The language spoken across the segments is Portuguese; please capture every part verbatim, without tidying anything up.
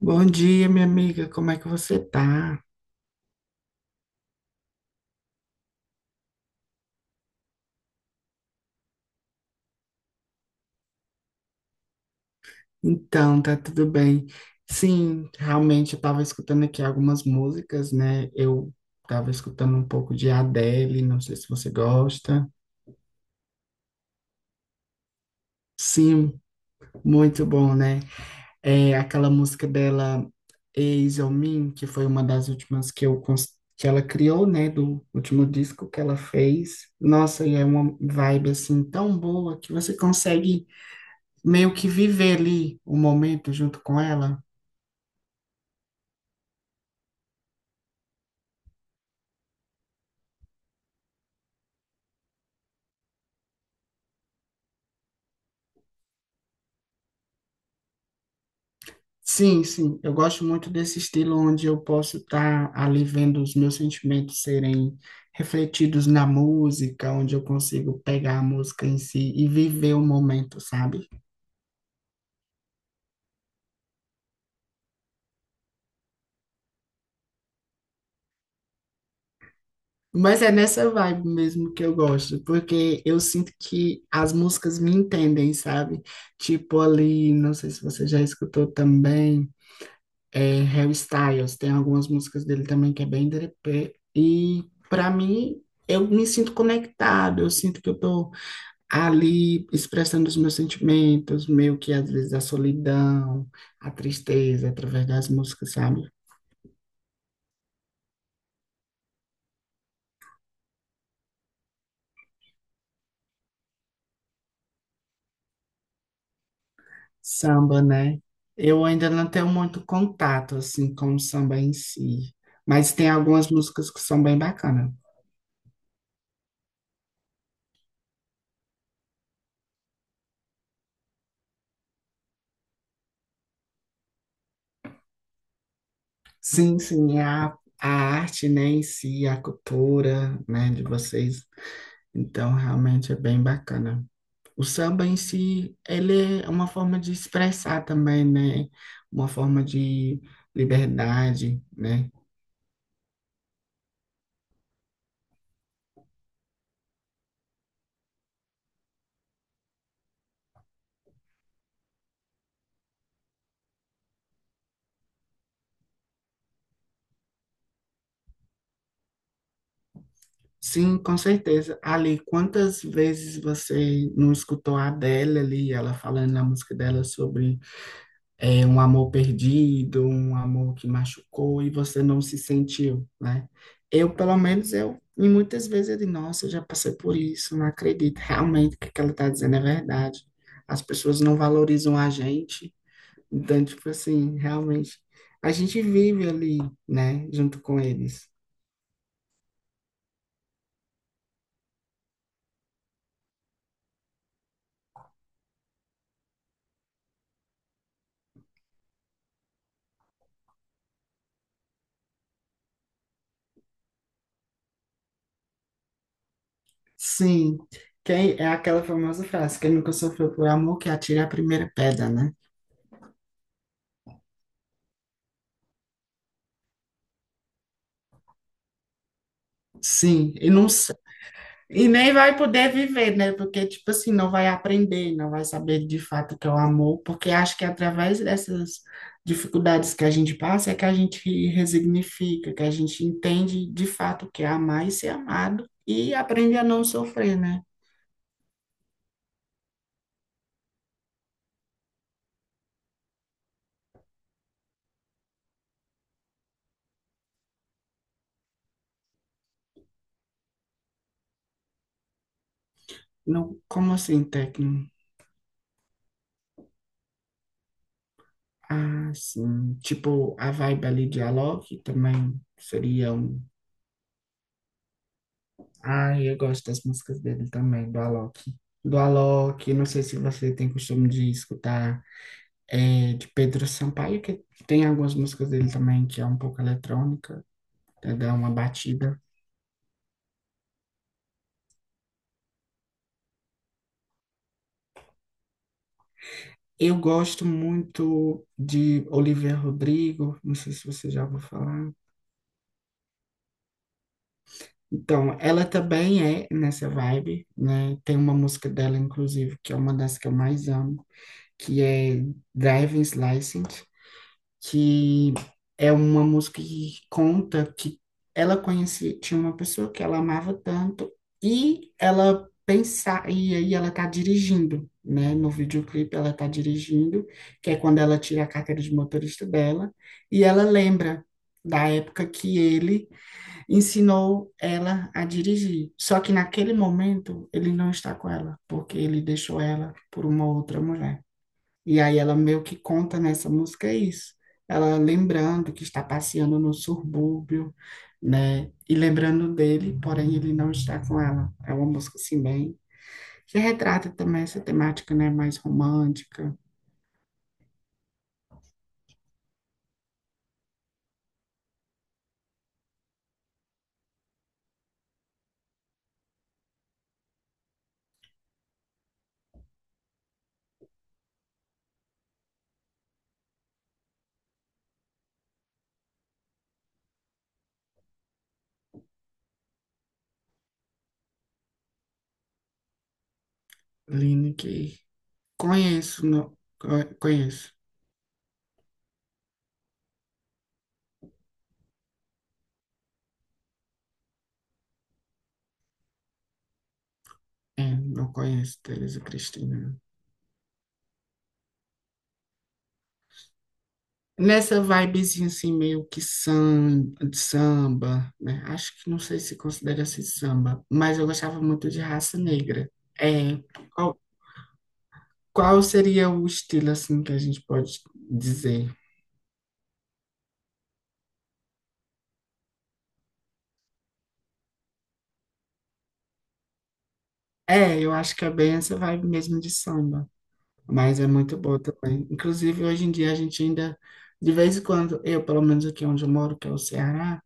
Bom dia, minha amiga. Como é que você tá? Então, tá tudo bem. Sim, realmente eu tava escutando aqui algumas músicas, né? Eu tava escutando um pouco de Adele, não sei se você gosta. Sim, muito bom, né? É aquela música dela, Eyes on Me, que foi uma das últimas que eu cons- que ela criou, né, do último disco que ela fez. Nossa, e é uma vibe assim tão boa que você consegue meio que viver ali o momento junto com ela. Sim, sim, eu gosto muito desse estilo onde eu posso estar ali vendo os meus sentimentos serem refletidos na música, onde eu consigo pegar a música em si e viver o momento, sabe? Mas é nessa vibe mesmo que eu gosto, porque eu sinto que as músicas me entendem, sabe? Tipo ali, não sei se você já escutou também. é, Harry Styles, tem algumas músicas dele também que é bem derepé. E para mim, eu me sinto conectado, eu sinto que eu tô ali expressando os meus sentimentos, meio que às vezes a solidão, a tristeza, através das músicas, sabe? Samba, né? Eu ainda não tenho muito contato assim com o samba em si, mas tem algumas músicas que são bem bacanas. Sim, sim, é a, a arte, né, em si, a cultura, né, de vocês. Então, realmente é bem bacana. O samba em si, ele é uma forma de expressar também, né? Uma forma de liberdade, né? Sim, com certeza. Ali, quantas vezes você não escutou a Adele ali, ela falando na música dela sobre é um amor perdido, um amor que machucou e você não se sentiu, né? Eu, pelo menos, eu, e muitas vezes eu digo, nossa, eu já passei por isso, não acredito, realmente que o que ela está dizendo é verdade. As pessoas não valorizam a gente, então, tipo assim, realmente, a gente vive ali, né, junto com eles. Sim, quem, é aquela famosa frase, quem nunca sofreu por amor, que atire a primeira pedra, né? Sim, e não, e nem vai poder viver, né? Porque, tipo assim, não vai aprender, não vai saber de fato o que é o amor, porque acho que é através dessas dificuldades que a gente passa é que a gente resignifica, que a gente entende de fato o que é amar e ser amado e aprende a não sofrer, né? Não, como assim, técnico? Assim, tipo, a vibe ali de Alok também seria um. Ah, eu gosto das músicas dele também, do Alok. Do Alok, não sei se você tem costume de escutar. é, de Pedro Sampaio, que tem algumas músicas dele também, que é um pouco eletrônica, né, dá uma batida. Eu gosto muito de Olivia Rodrigo, não sei se você já ouviu falar. Então, ela também é nessa vibe, né? Tem uma música dela, inclusive, que é uma das que eu mais amo, que é Driving License, que é uma música que conta que ela conhecia, tinha uma pessoa que ela amava tanto e ela pensar e aí ela tá dirigindo, né? No videoclipe ela tá dirigindo, que é quando ela tira a carteira de motorista dela e ela lembra da época que ele ensinou ela a dirigir. Só que naquele momento ele não está com ela, porque ele deixou ela por uma outra mulher. E aí ela meio que conta nessa música é isso. Ela lembrando que está passeando no subúrbio, né? E lembrando dele, porém ele não está com ela. É uma música assim bem que retrata também essa temática, né, mais romântica. Aline que conheço, não, co- conheço. É, não conheço Teresa Cristina. Nessa vibezinha assim, meio que sam- de samba, né? Acho que não sei se considera-se samba, mas eu gostava muito de Raça Negra. É, qual, qual seria o estilo assim que a gente pode dizer? É, eu acho que é bem essa vibe mesmo de samba. Mas é muito boa também. Inclusive, hoje em dia a gente ainda, de vez em quando, eu, pelo menos aqui onde eu moro, que é o Ceará,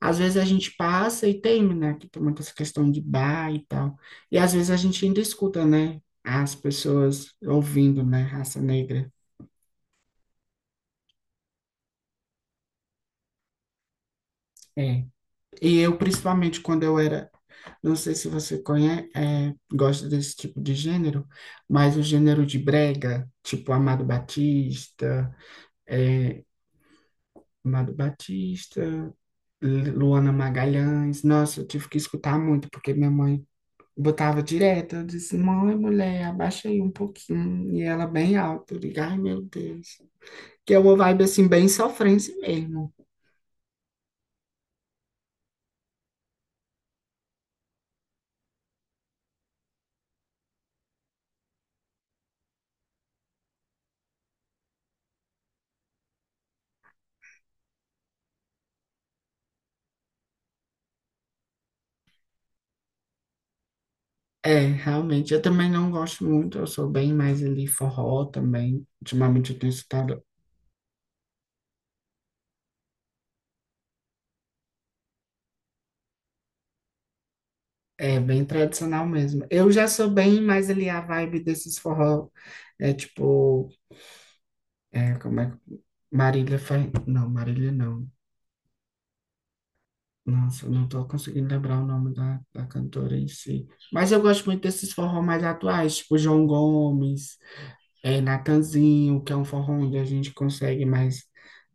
às vezes a gente passa e tem, né, que tem muita essa questão de bar e tal. E às vezes a gente ainda escuta, né, as pessoas ouvindo, né, Raça Negra. É. E eu, principalmente quando eu era, não sei se você conhece, é, gosta desse tipo de gênero, mas o gênero de brega, tipo Amado Batista, é, Amado Batista. Luana Magalhães. Nossa, eu tive que escutar muito, porque minha mãe botava direto. Eu disse, mãe, mulher, abaixa aí um pouquinho. E ela bem alto. Eu digo, ai, meu Deus. Que é uma vibe assim, bem sofrência mesmo. É, realmente. Eu também não gosto muito. Eu sou bem mais ali forró também. Ultimamente eu tenho escutado. É, bem tradicional mesmo. Eu já sou bem mais ali a vibe desses forró. É tipo. É, como é que. Marília Fer... Não, Marília não. Nossa, eu não estou conseguindo lembrar o nome da, da cantora em si. Mas eu gosto muito desses forró mais atuais, tipo João Gomes, eh, Natanzinho, que é um forró onde a gente consegue mais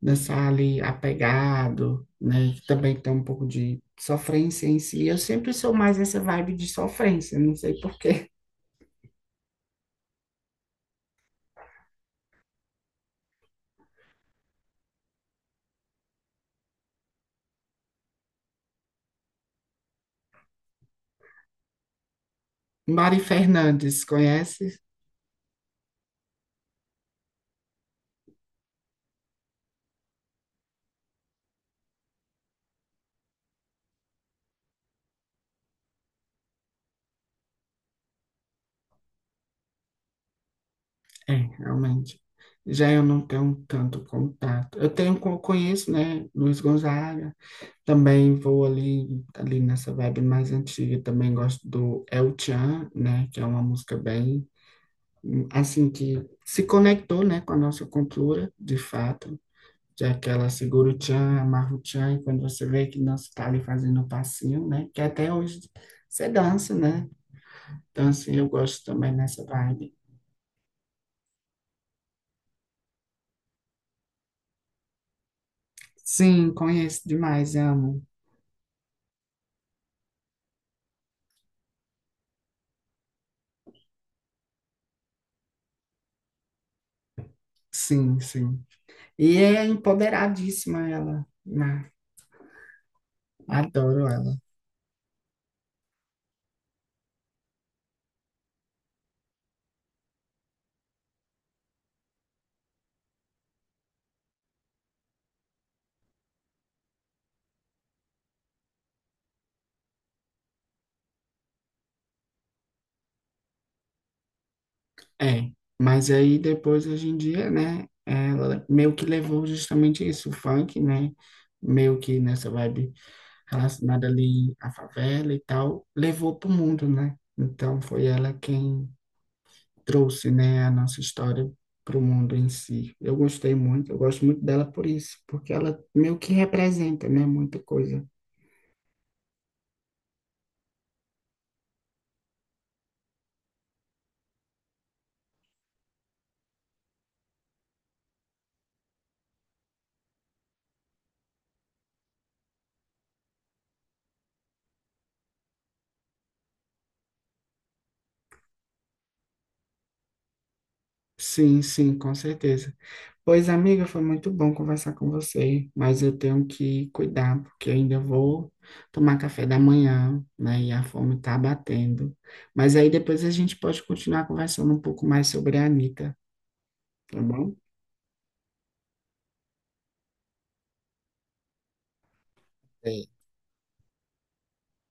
dançar ali apegado, né? Que também tem um pouco de sofrência em si. Eu sempre sou mais essa vibe de sofrência, não sei por quê. Mari Fernandes, conhece? É, realmente. Já eu não tenho tanto contato. Eu tenho, co- conheço, né, Luiz Gonzaga, também vou ali, ali nessa vibe mais antiga, também gosto do El Chan, né, que é uma música bem, hum, assim, que se conectou, né, com a nossa cultura, de fato, que é aquela Seguro Chan, Amarro Chan, e quando você vê que não está ali fazendo o passinho, né, que até hoje você dança, né, então, assim, eu gosto também nessa vibe. Sim, conheço demais, amo, sim, sim, e é empoderadíssima ela, né, adoro ela. É, mas aí depois, hoje em dia, né, ela meio que levou justamente isso, o funk, né, meio que nessa vibe relacionada ali à favela e tal, levou pro mundo, né? Então foi ela quem trouxe, né, a nossa história pro mundo em si. Eu gostei muito, eu gosto muito dela por isso, porque ela meio que representa, né, muita coisa. Sim, sim, com certeza. Pois, amiga, foi muito bom conversar com você, mas eu tenho que cuidar, porque eu ainda vou tomar café da manhã, né? E a fome tá batendo. Mas aí depois a gente pode continuar conversando um pouco mais sobre a Anitta, tá bom?